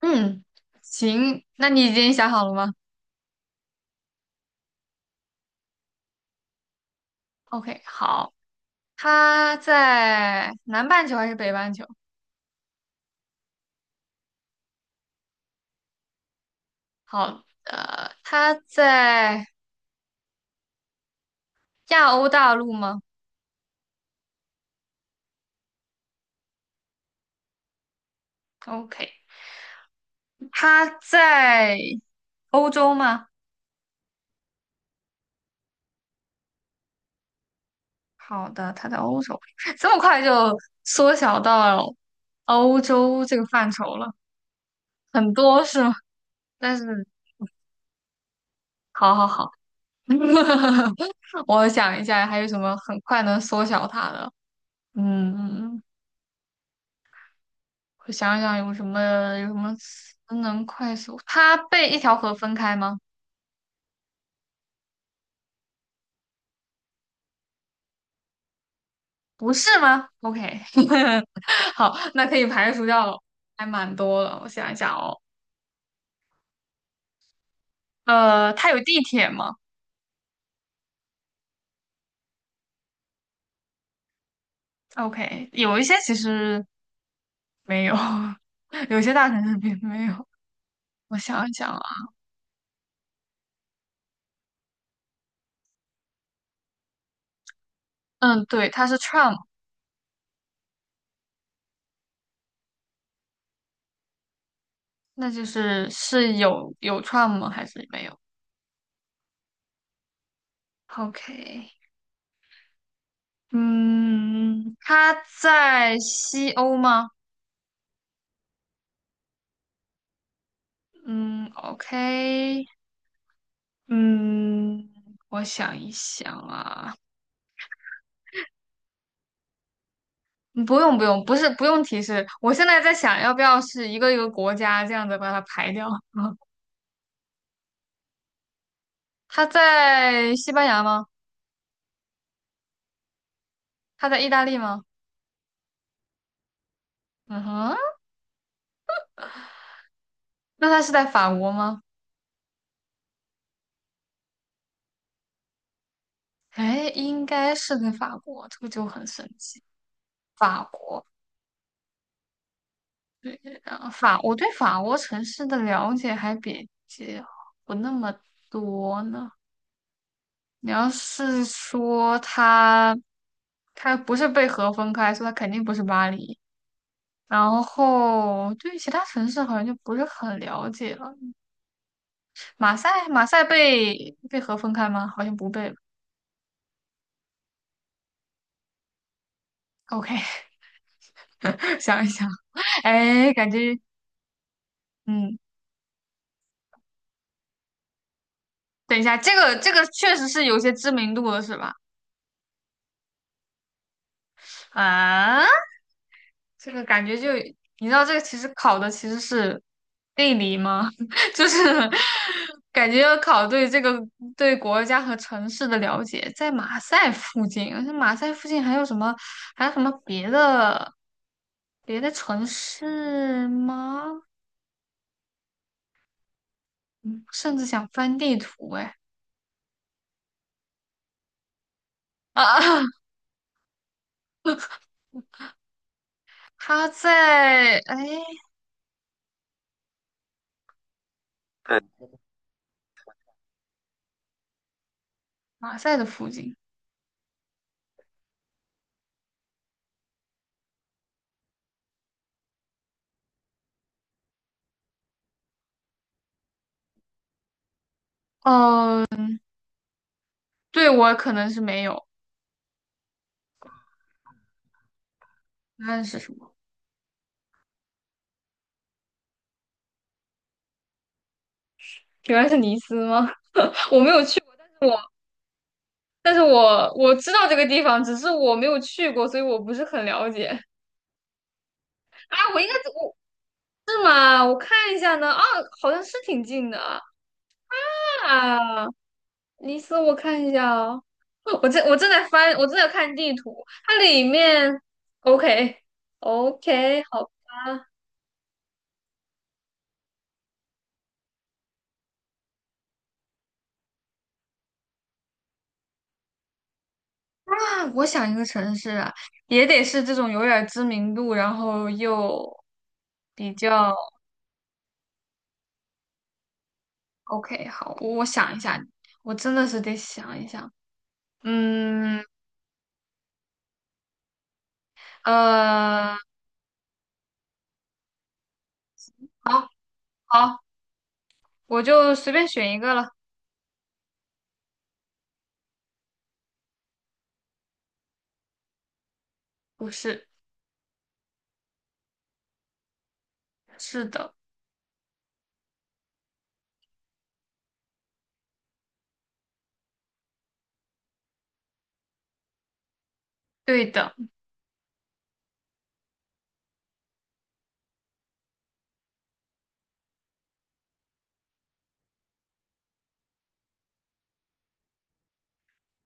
嗯，行，那你已经想好了吗？OK,好。他在南半球还是北半球？好的，他在亚欧大陆吗？OK,他在欧洲吗？好的，他在欧洲，这么快就缩小到欧洲这个范畴了。很多是吗？但是，好好好，我想一下还有什么很快能缩小它的，嗯。我想想有什么词能快速？它被一条河分开吗？不是吗？OK,好，那可以排除掉了，还蛮多了。我想一想哦，它有地铁吗？OK,有一些其实没有，有些大城市并没有。我想一想啊，嗯，对，它是 tram。那就是是有 tram 吗？还是没有？OK。嗯，它在西欧吗？嗯，OK,嗯，我想一想啊。嗯不用不用，不是不用提示，我现在在想要不要是一个一个国家这样子把它排掉。嗯，他在西班牙吗？他在意大利吗？嗯哼，那他是在法国吗？哎，应该是在法国，这个就很神奇。法国，我对法国城市的了解还比较不那么多呢。你要是说他，他不是被河分开，说以他肯定不是巴黎。然后对于其他城市好像就不是很了解了。马赛，马赛被河分开吗？好像不被吧。 OK,想一想，哎，感觉嗯，等一下，这个确实是有些知名度的，是吧？啊，这个感觉就，你知道这个其实考的其实是地理吗？就是感觉要考对这个对国家和城市的了解。在马赛附近，而且马赛附近还有什么别的城市吗？嗯，甚至想翻地图哎。啊，它在哎马赛的附近。哦，对我可能是没有。答案是什么？原来是尼斯吗？我没有去过。但是我。但是我知道这个地方，只是我没有去过，所以我不是很了解。啊，我应该我是吗？我看一下呢。啊，好像是挺近的啊。啊，尼斯，我看一下哦。哦我正在翻，我正在看地图，它里面 OK OK 好吧。啊，我想一个城市啊，也得是这种有点儿知名度，然后又比较 OK。好，我想一下，我真的是得想一想。嗯，呃，好好，我就随便选一个了。不是，是的，对的，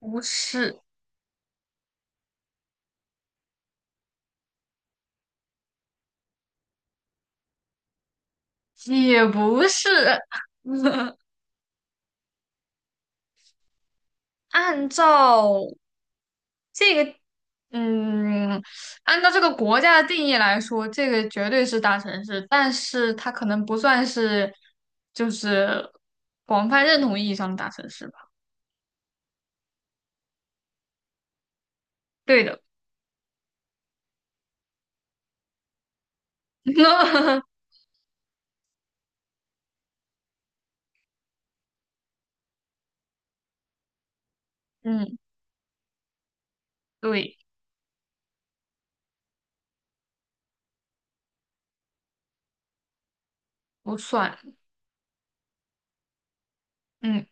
不是，也不是。按照这个，嗯，按照这个国家的定义来说，这个绝对是大城市，但是它可能不算是，就是广泛认同意义上的大城市吧。对的，嗯，对，不算。嗯，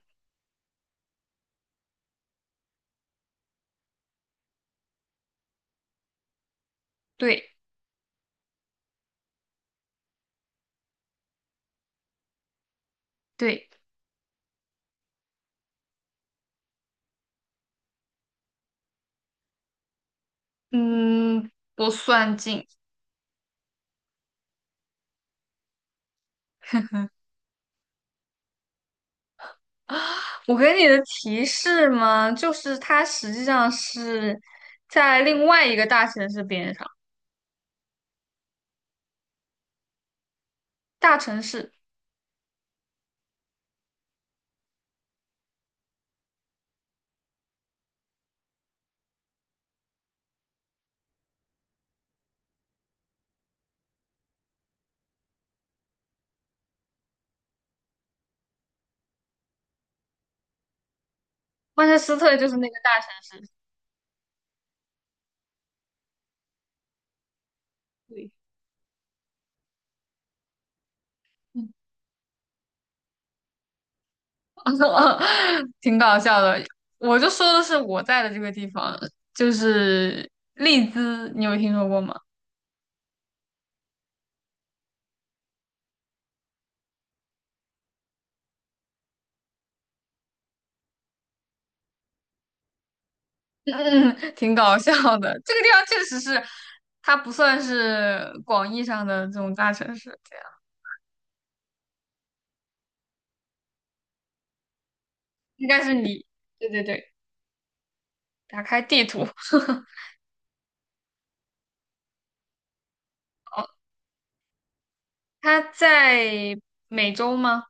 对对。嗯，不算近。我给你的提示嘛，就是它实际上是在另外一个大城市边上。大城市曼彻斯特就是那个大城市。对，挺搞笑的。我就说的是我在的这个地方，就是利兹，你有听说过吗？嗯，挺搞笑的。这个地方确实是，它不算是广义上的这种大城市，这样应该是你。对对对，打开地图。哦，他在美洲吗？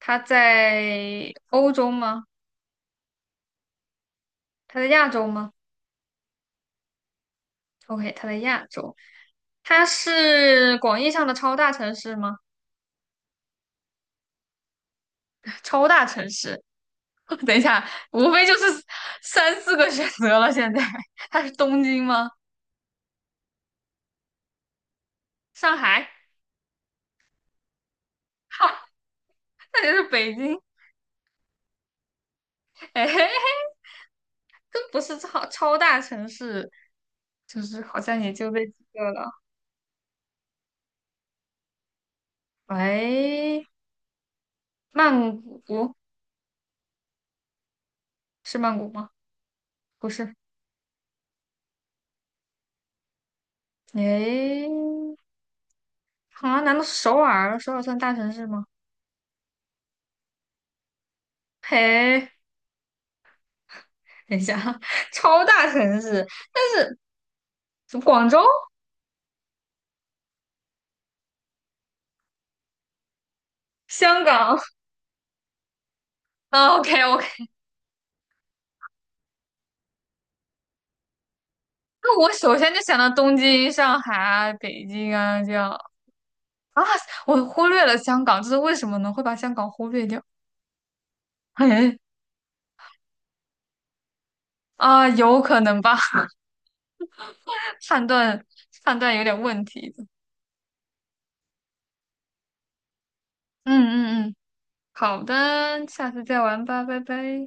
他在欧洲吗？他在亚洲吗？OK,他在亚洲。他是广义上的超大城市吗？超大城市，等一下，无非就是三四个选择了。现在他是东京吗？上海？哈，那就是北京。哎，都不是超大城市，就是好像也就这几个了。喂，曼谷，是曼谷吗？不是。诶，啊，难道是首尔？首尔算大城市吗？嘿，等一下啊，超大城市，什么广州、香港啊OK OK，那我首先就想到东京、上海啊、北京啊这样。啊，我忽略了香港，这是为什么呢？会把香港忽略掉？嘿，啊，有可能吧，判断有点问题的。嗯嗯嗯，好的，下次再玩吧，拜拜。